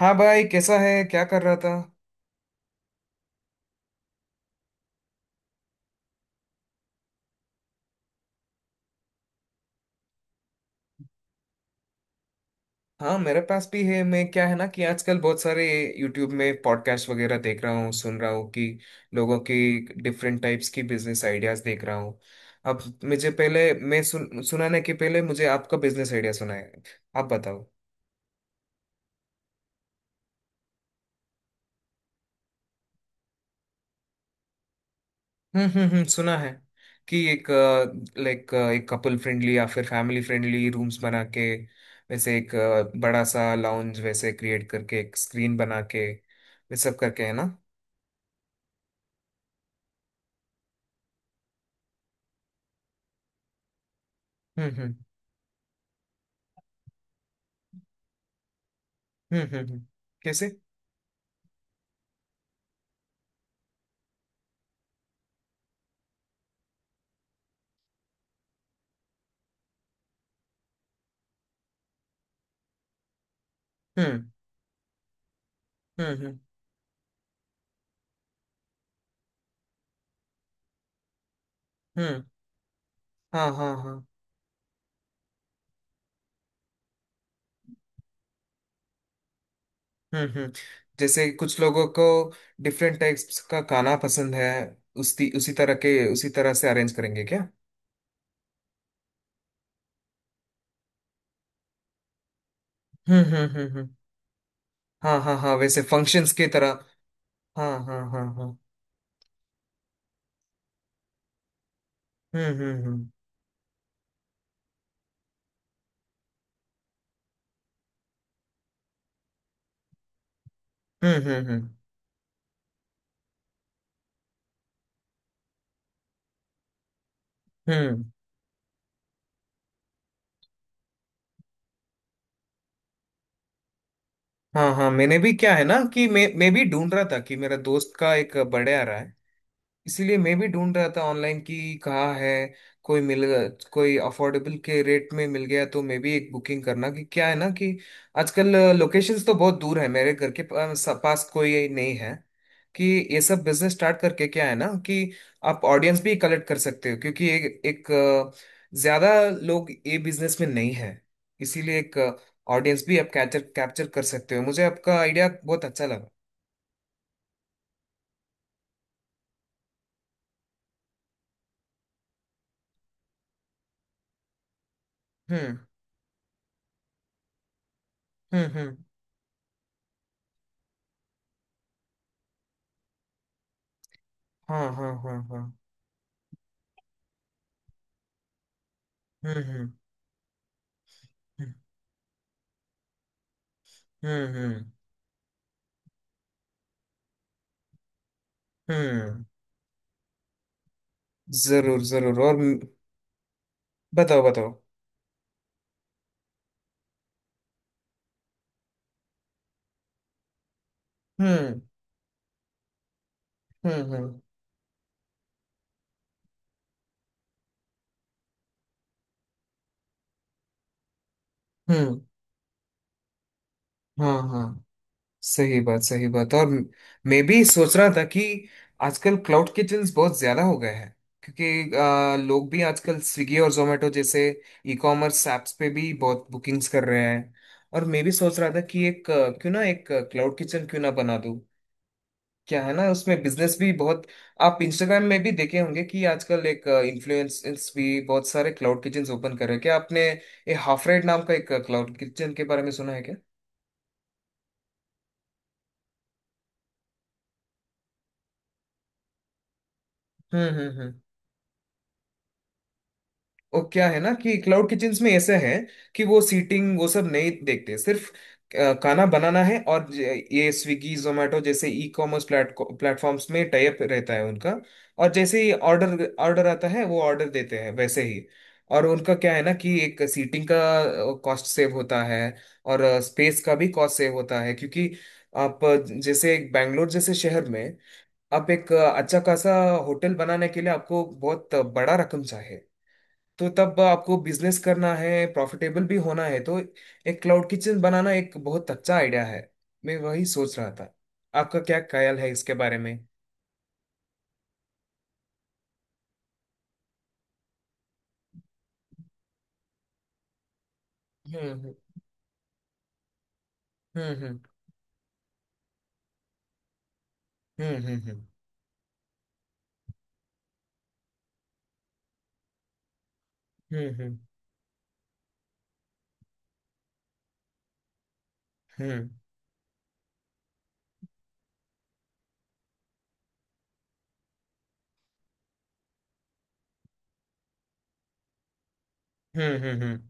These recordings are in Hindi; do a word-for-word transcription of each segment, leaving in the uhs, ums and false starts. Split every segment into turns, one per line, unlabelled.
हाँ भाई, कैसा है? क्या कर रहा था? हाँ, मेरे पास भी है। मैं, क्या है ना, कि आजकल बहुत सारे यूट्यूब में पॉडकास्ट वगैरह देख रहा हूँ, सुन रहा हूँ कि लोगों की डिफरेंट टाइप्स की बिजनेस आइडियाज देख रहा हूँ। अब मुझे पहले, मैं सुन सुनाने के पहले मुझे आपका बिजनेस आइडिया सुना है, आप बताओ। हम्म, हम्म, हम्म, सुना है कि एक, लाइक, एक कपल फ्रेंडली या फिर फैमिली फ्रेंडली रूम्स बना के, वैसे एक अ, बड़ा सा लाउंज वैसे क्रिएट करके, एक स्क्रीन बना के ये सब करके, है ना? हम्म, हम्म, हम्म, हम्म। कैसे? हम्म, हम्म, हम्म, हम्म, हाँ, हाँ, हाँ, हम्म, हम्म, जैसे कुछ लोगों को डिफरेंट टाइप्स का खाना पसंद है। उसी उसी तरह के उसी तरह से अरेंज करेंगे क्या? हम्म, हम्म, हम्म, हम्म, हाँ, हाँ, हाँ, वैसे फंक्शंस की तरह। हाँ, हाँ, हाँ, हाँ, हम्म, हम्म, हम्म, हम्म, हम्म, हम्म, हम्म। हाँ, हाँ, मैंने भी, क्या है ना, कि मैं मैं भी ढूंढ रहा था कि मेरा दोस्त का एक बर्थडे आ रहा है। इसीलिए मैं भी ढूंढ रहा था ऑनलाइन कि कहाँ है कोई मिल कोई अफोर्डेबल के रेट में मिल गया तो मैं भी एक बुकिंग करना, कि, क्या है ना कि, आजकल लोकेशंस तो बहुत दूर है, मेरे घर के पास पास कोई नहीं है। कि ये सब बिजनेस स्टार्ट करके, क्या है ना कि, आप ऑडियंस भी कलेक्ट कर सकते हो क्योंकि एक एक अ, ज्यादा लोग ये बिजनेस में नहीं है, इसीलिए एक ऑडियंस भी आप कैप्चर कैप्चर कर सकते हो। मुझे आपका आइडिया बहुत अच्छा लगा। हम्म, हम्म, हम्म, हाँ, हाँ, हाँ, हाँ, हम्म, हम्म, हम्म, हम्म, हम्म। जरूर, जरूर। और म- बताओ बताओ। हम्म, हम्म, हम्म, हम्म, हाँ, हाँ, सही बात, सही बात। और म- मैं भी सोच रहा था कि आजकल क्लाउड किचन्स बहुत ज्यादा हो गए हैं, क्योंकि आ, लोग भी आजकल स्विगी और जोमेटो जैसे ई कॉमर्स ऐप्स पे भी बहुत बुकिंग्स कर रहे हैं। और मैं भी सोच रहा था कि एक अ, क्यों ना एक क्लाउड किचन क्यों ना बना दूं। क्या है ना, उसमें बिजनेस भी बहुत। आप इंस्टाग्राम में भी देखे होंगे कि आजकल एक इन्फ्लुएंसर्स भी बहुत सारे क्लाउड किचन ओपन कर रहे हैं। क्या आपने ये हाफ रेड नाम का एक क्लाउड किचन के बारे में सुना है क्या? हम्म, हम्म, हम्म। वो क्या है ना कि क्लाउड किचन्स में ऐसा है कि वो सीटिंग वो सब नहीं देखते, सिर्फ अ, खाना बनाना है। और ज- ये स्विगी जोमेटो जैसे ई कॉमर्स प्लेट प्लेटफॉर्म्स में टाई अप रहता है उनका। और जैसे ही ऑर्डर ऑर्डर आता है वो ऑर्डर देते हैं, वैसे ही। और उनका क्या है ना, कि एक सीटिंग का कॉस्ट सेव होता है, और स्पेस का भी कॉस्ट सेव होता है। क्योंकि आप अ, जैसे एक बैंगलोर जैसे शहर में आप एक अ, अच्छा खासा होटल बनाने के लिए आपको बहुत बड़ा रकम चाहिए। तो तब आपको बिजनेस करना है, प्रॉफिटेबल भी होना है, तो एक क्लाउड किचन बनाना एक बहुत अच्छा आइडिया है। मैं वही सोच रहा था। आपका क्या ख्याल है इसके बारे में? हम्म, हम्म, हम्म, हम्म, हम्म, हम्म, हम्म, हम्म, हम्म, हम्म, हम्म,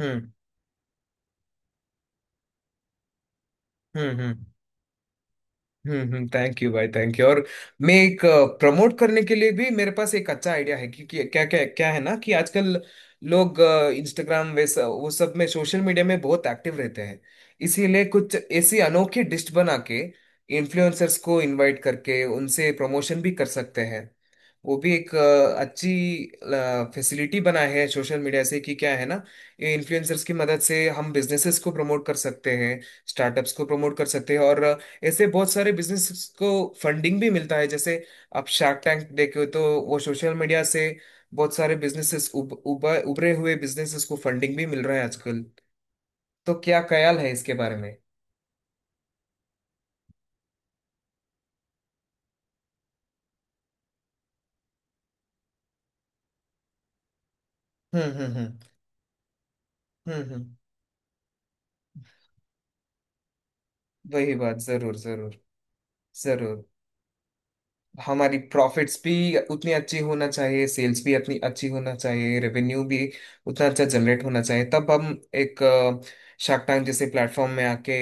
हम्म, हम्म, हम्म, हम्म, हम्म, थैंक यू भाई, थैंक यू। और मैं एक प्रमोट करने के लिए भी मेरे पास एक अच्छा आइडिया है, क्योंकि क्या क्या क्या है ना कि आजकल लोग इंस्टाग्राम वैसा वो सब में, सोशल मीडिया में बहुत एक्टिव रहते हैं। इसीलिए कुछ ऐसी अनोखी डिश बना के इन्फ्लुएंसर्स को इनवाइट करके उनसे प्रमोशन भी कर सकते हैं। वो भी एक अ, अच्छी फैसिलिटी बना है सोशल मीडिया से कि, क्या है ना, ये इन्फ्लुएंसर्स की मदद से हम बिजनेसेस को प्रमोट कर सकते हैं, स्टार्टअप्स को प्रमोट कर सकते हैं, और अ, ऐसे बहुत सारे बिजनेसेस को फंडिंग भी मिलता है। जैसे आप शार्क टैंक देखे तो वो सोशल मीडिया से बहुत सारे बिजनेसेस, उब, उबा- उभरे हुए बिजनेसेस को फंडिंग भी मिल रहा है आजकल। तो क्या ख्याल है इसके बारे में? हम्म, हम्म, हम्म, हम्म, हम्म, वही बात। जरूर, जरूर, जरूर। हमारी प्रॉफिट्स भी उतनी अच्छी होना चाहिए, सेल्स भी अपनी अच्छी होना चाहिए, रेवेन्यू भी उतना अच्छा जनरेट होना चाहिए, तब हम एक शार्क टैंक जैसे प्लेटफॉर्म में आके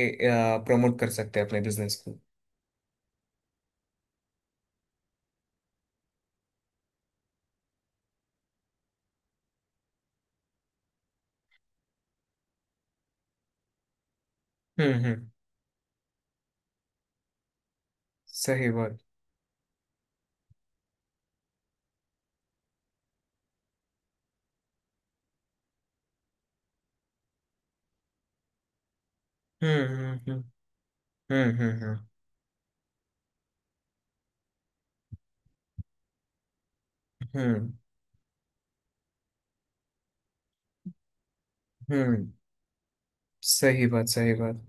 प्रमोट कर सकते हैं अपने बिजनेस को। हम्म, हम्म, सही बात। हम्म, हम्म, हम्म, हम्म, हम्म, हम्म, हम्म, हम्म, सही बात, सही बात।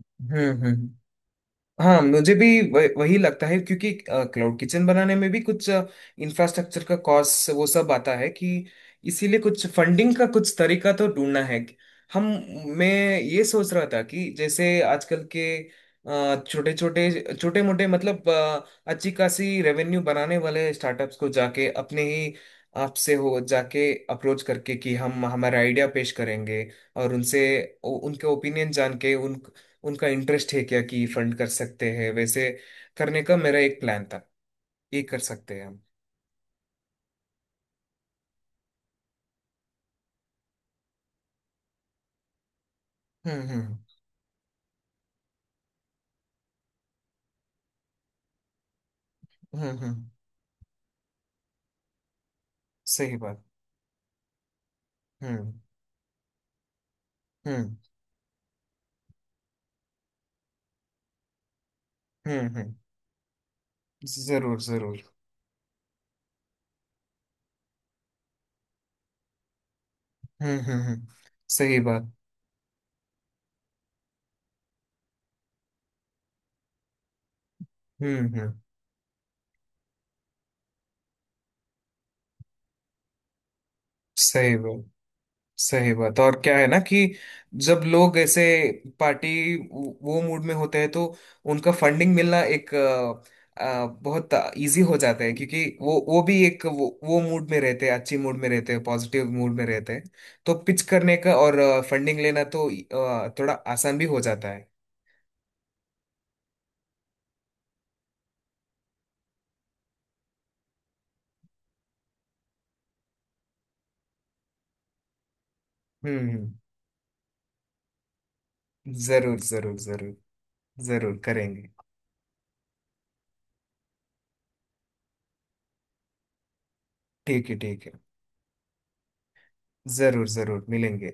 हम्म, हम्म, हम्म। हाँ, मुझे भी वह, वही लगता है क्योंकि क्लाउड किचन बनाने में भी कुछ इंफ्रास्ट्रक्चर का कॉस्ट वो सब आता है, कि इसीलिए कुछ फंडिंग का कुछ तरीका तो ढूंढना है। हम मैं ये सोच रहा था कि जैसे आजकल के छोटे छोटे छोटे मोटे, मतलब अ, अच्छी खासी रेवेन्यू बनाने वाले स्टार्टअप्स को जाके, अपने ही आपसे हो जाके अप्रोच करके कि हम हमारा आइडिया पेश करेंगे। और उनसे उ- उनके ओपिनियन जान के, उनका इंटरेस्ट है क्या कि फंड कर सकते हैं, वैसे करने का मेरा एक प्लान था, ये कर सकते हैं हम। हम्म, हम्म, हम्म, हम्म, सही बात। हम्म, हम्म, हम्म, हम्म, जरूर, जरूर। हम्म, हम्म, हम्म, सही बात। हम्म, हम्म, सही बात, सही बात। और क्या है ना कि जब लोग ऐसे पार्टी वो मूड में होते हैं, तो उनका फंडिंग मिलना एक अ, अ, बहुत इजी हो जाता है क्योंकि वो वो भी एक वो, वो मूड में रहते हैं, अच्छी मूड में रहते हैं, पॉजिटिव मूड में रहते हैं। तो पिच करने का और फंडिंग लेना तो अ, थोड़ा आसान भी हो जाता है। हम्म, हम्म। जरूर, जरूर, जरूर। जरूर करेंगे। ठीक है, ठीक है। जरूर, जरूर मिलेंगे।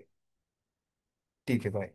ठीक है भाई।